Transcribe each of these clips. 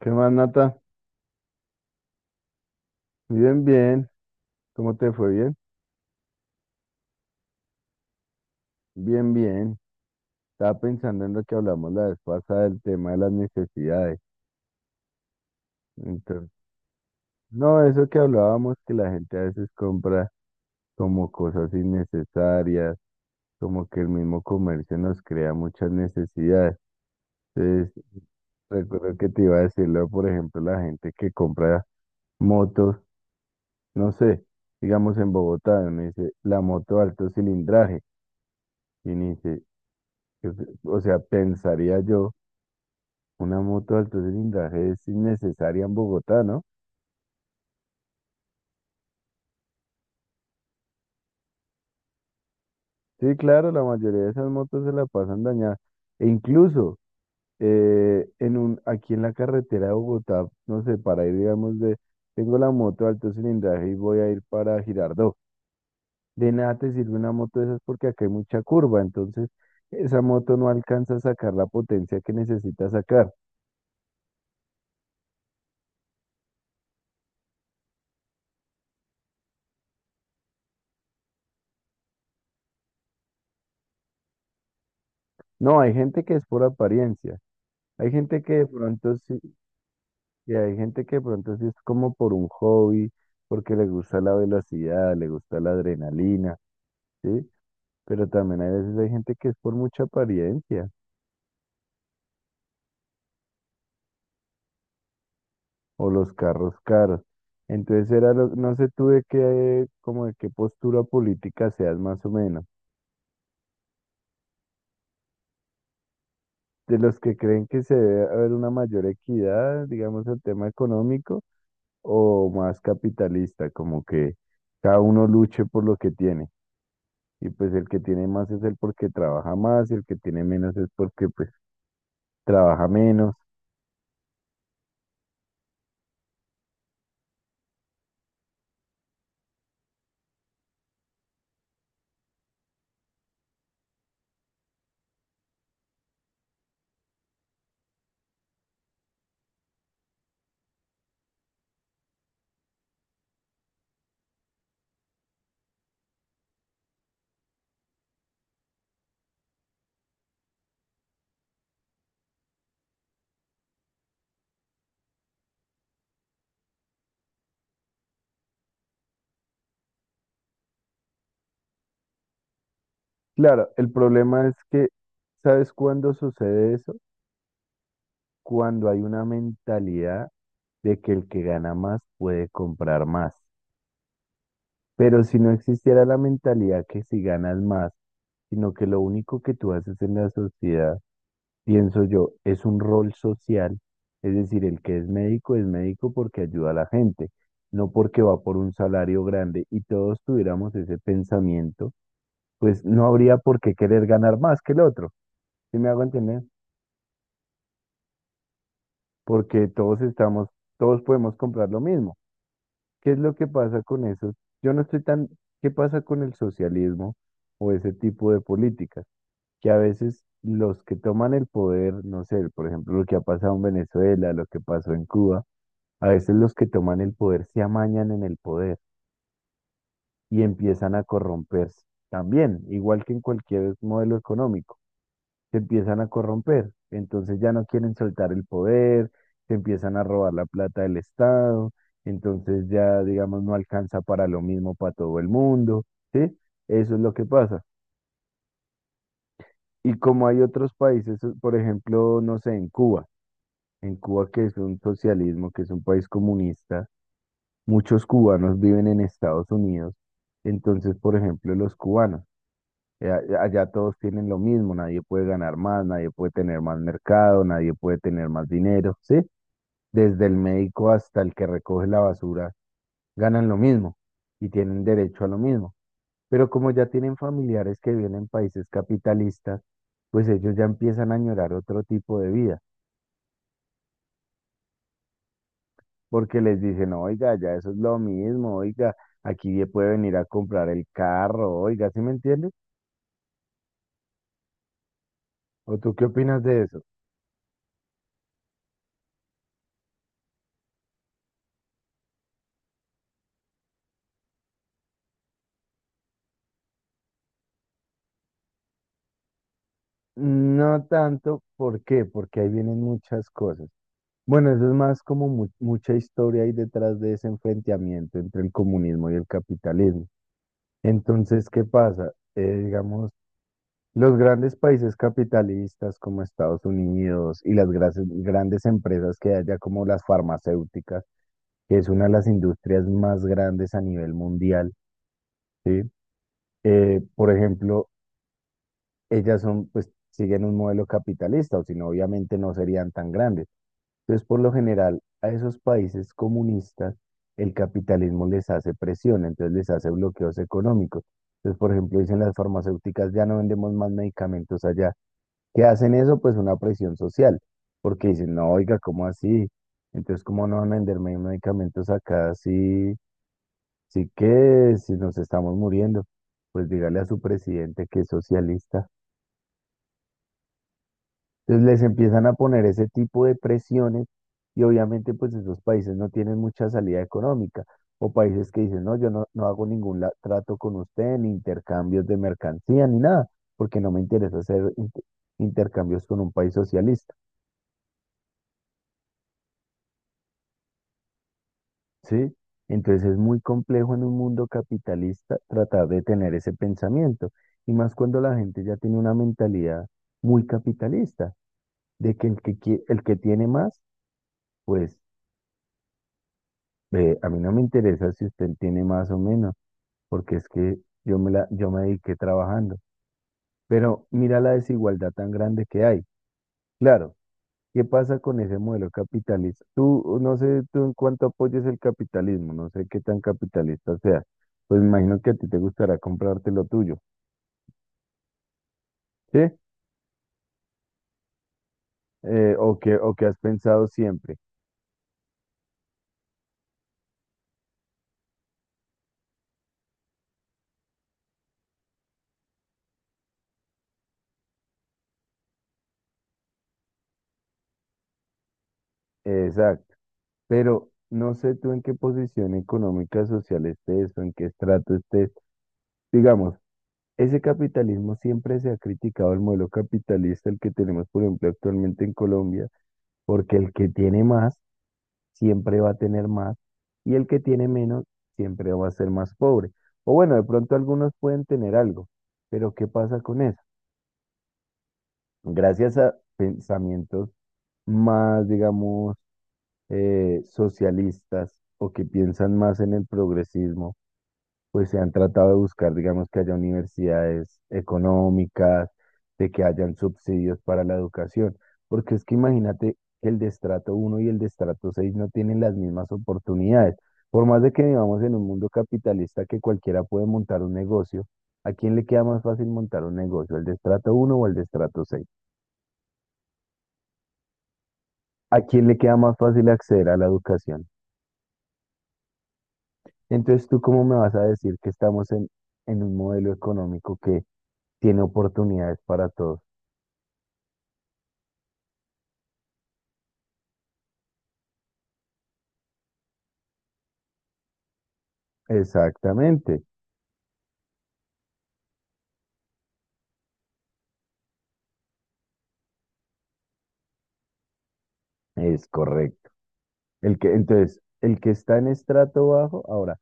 ¿Qué más, Nata? Bien, bien. ¿Cómo te fue? Bien, bien, bien. Estaba pensando en lo que hablamos la vez pasada del tema de las necesidades. Entonces, no, eso que hablábamos, que la gente a veces compra como cosas innecesarias, como que el mismo comercio nos crea muchas necesidades. Entonces, recuerdo que te iba a decirlo, por ejemplo, la gente que compra motos, no sé, digamos en Bogotá, uno dice la moto alto cilindraje, y uno dice, o sea, pensaría yo. Una moto de alto cilindraje es innecesaria en Bogotá, ¿no? Sí, claro, la mayoría de esas motos se la pasan dañadas. E incluso aquí en la carretera de Bogotá, no sé, para ir, digamos, de, tengo la moto de alto cilindraje y voy a ir para Girardot. De nada te sirve una moto de esas porque acá hay mucha curva, entonces esa moto no alcanza a sacar la potencia que necesita sacar. No, hay gente que es por apariencia. Hay gente que de pronto sí. Y hay gente que de pronto sí es como por un hobby, porque le gusta la velocidad, le gusta la adrenalina, ¿sí? Pero también hay veces hay gente que es por mucha apariencia o los carros caros. Entonces era no sé tú de qué, como de qué postura política seas más o menos. De los que creen que se debe haber una mayor equidad, digamos, el tema económico, o más capitalista, como que cada uno luche por lo que tiene. Y pues el que tiene más es el porque trabaja más y el que tiene menos es porque pues trabaja menos. Claro, el problema es que, ¿sabes cuándo sucede eso? Cuando hay una mentalidad de que el que gana más puede comprar más. Pero si no existiera la mentalidad que si ganas más, sino que lo único que tú haces en la sociedad pienso yo, es un rol social, es decir, el que es médico porque ayuda a la gente, no porque va por un salario grande y todos tuviéramos ese pensamiento, pues no habría por qué querer ganar más que el otro, ¿sí me hago entender? Porque todos estamos, todos podemos comprar lo mismo. ¿Qué es lo que pasa con eso? Yo no estoy tan, ¿qué pasa con el socialismo o ese tipo de políticas? Que a veces los que toman el poder, no sé, por ejemplo, lo que ha pasado en Venezuela, lo que pasó en Cuba. A veces los que toman el poder se amañan en el poder y empiezan a corromperse. También, igual que en cualquier modelo económico, se empiezan a corromper. Entonces ya no quieren soltar el poder, se empiezan a robar la plata del Estado, entonces ya, digamos, no alcanza para lo mismo para todo el mundo, ¿sí? Eso es lo que pasa. Y como hay otros países, por ejemplo, no sé, en Cuba que es un socialismo, que es un país comunista, muchos cubanos viven en Estados Unidos. Entonces, por ejemplo, los cubanos, allá todos tienen lo mismo, nadie puede ganar más, nadie puede tener más mercado, nadie puede tener más dinero, ¿sí? Desde el médico hasta el que recoge la basura, ganan lo mismo y tienen derecho a lo mismo. Pero como ya tienen familiares que viven en países capitalistas, pues ellos ya empiezan a añorar otro tipo de vida, porque les dicen, oiga, ya eso es lo mismo, oiga, aquí puede venir a comprar el carro, oiga, ¿sí me entiendes? ¿O tú qué opinas de eso? No tanto, ¿por qué? Porque ahí vienen muchas cosas. Bueno, eso es más como mucha historia ahí detrás de ese enfrentamiento entre el comunismo y el capitalismo. Entonces, ¿qué pasa? Digamos, los grandes países capitalistas como Estados Unidos y las grandes empresas que hay allá como las farmacéuticas, que es una de las industrias más grandes a nivel mundial, ¿sí? Por ejemplo, ellas son, pues, siguen un modelo capitalista, o si no, obviamente no serían tan grandes. Entonces, por lo general, a esos países comunistas, el capitalismo les hace presión, entonces les hace bloqueos económicos. Entonces, por ejemplo, dicen las farmacéuticas, ya no vendemos más medicamentos allá. ¿Qué hacen eso? Pues una presión social, porque dicen, no, oiga, ¿cómo así? Entonces, ¿cómo no van a venderme medicamentos acá si? Así que si nos estamos muriendo, pues dígale a su presidente que es socialista. Entonces les empiezan a poner ese tipo de presiones y obviamente pues esos países no tienen mucha salida económica o países que dicen, no, yo no, no hago ningún trato con usted, ni intercambios de mercancía, ni nada, porque no me interesa hacer intercambios con un país socialista. ¿Sí? Entonces es muy complejo en un mundo capitalista tratar de tener ese pensamiento, y más cuando la gente ya tiene una mentalidad muy capitalista, de que el que, el que tiene más, pues a mí no me interesa si usted tiene más o menos, porque es que yo me dediqué trabajando. Pero mira la desigualdad tan grande que hay. Claro. ¿Qué pasa con ese modelo capitalista? Tú, no sé, tú en cuánto apoyes el capitalismo, no sé qué tan capitalista sea. Pues me imagino que a ti te gustará comprarte lo tuyo, ¿sí? O que has pensado siempre. Exacto. Pero no sé tú en qué posición económica, social estés o en qué estrato estés. Digamos, ese capitalismo siempre se ha criticado el modelo capitalista, el que tenemos, por ejemplo, actualmente en Colombia, porque el que tiene más siempre va a tener más y el que tiene menos siempre va a ser más pobre. O bueno, de pronto algunos pueden tener algo, pero ¿qué pasa con eso? Gracias a pensamientos más, digamos, socialistas o que piensan más en el progresismo pues se han tratado de buscar, digamos, que haya universidades económicas, de que hayan subsidios para la educación, porque es que imagínate que el de estrato uno y el de estrato 6 no tienen las mismas oportunidades. Por más de que vivamos en un mundo capitalista que cualquiera puede montar un negocio, ¿a quién le queda más fácil montar un negocio, el de estrato uno o el de estrato seis? ¿A quién le queda más fácil acceder a la educación? Entonces, ¿tú cómo me vas a decir que estamos en un modelo económico que tiene oportunidades para todos? Exactamente, es correcto. Entonces, el que está en estrato bajo, ahora,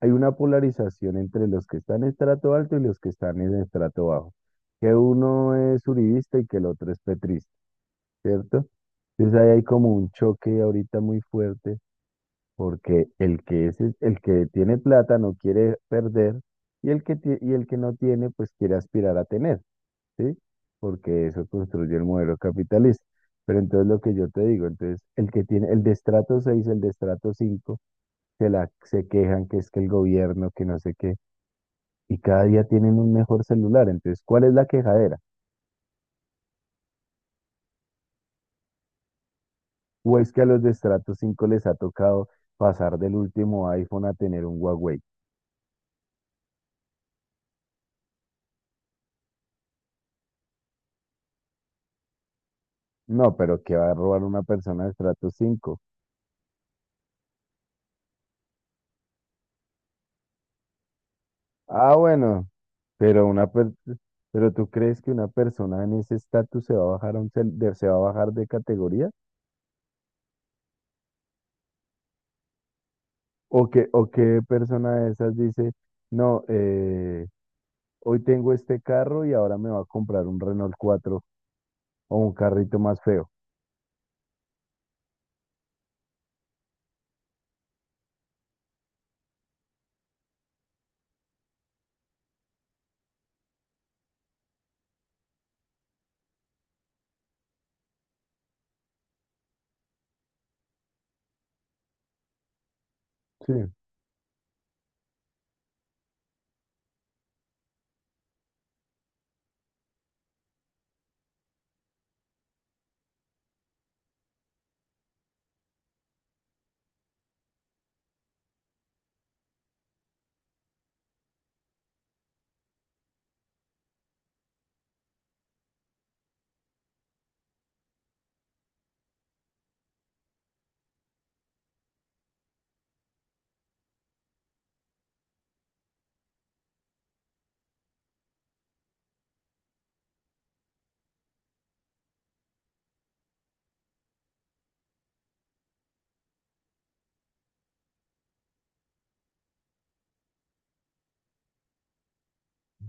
hay una polarización entre los que están en estrato alto y los que están en estrato bajo, que uno es uribista y que el otro es petrista, ¿cierto? Entonces ahí hay como un choque ahorita muy fuerte, porque el que es el que tiene plata no quiere perder y y el que no tiene pues quiere aspirar a tener. ¿Sí? Porque eso construye el modelo capitalista. Pero entonces lo que yo te digo, entonces el que tiene el de estrato 6, el de estrato 5 se quejan que es que el gobierno, que no sé qué, y cada día tienen un mejor celular. Entonces, ¿cuál es la quejadera? ¿O es que a los de estrato 5 les ha tocado pasar del último iPhone a tener un Huawei? ¿No, pero que va a robar una persona de estrato 5? Ah, bueno, pero una per- pero ¿tú crees que una persona en ese estatus se va a bajar a se va a bajar de categoría? ¿O qué persona de esas dice, no, hoy tengo este carro y ahora me va a comprar un Renault 4 o un carrito más feo? Sí,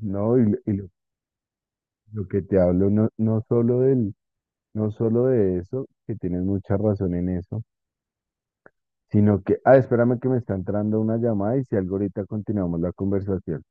no, lo que te hablo no, no solo de eso, que tienes mucha razón en eso, sino que, espérame que me está entrando una llamada y si algo ahorita continuamos la conversación.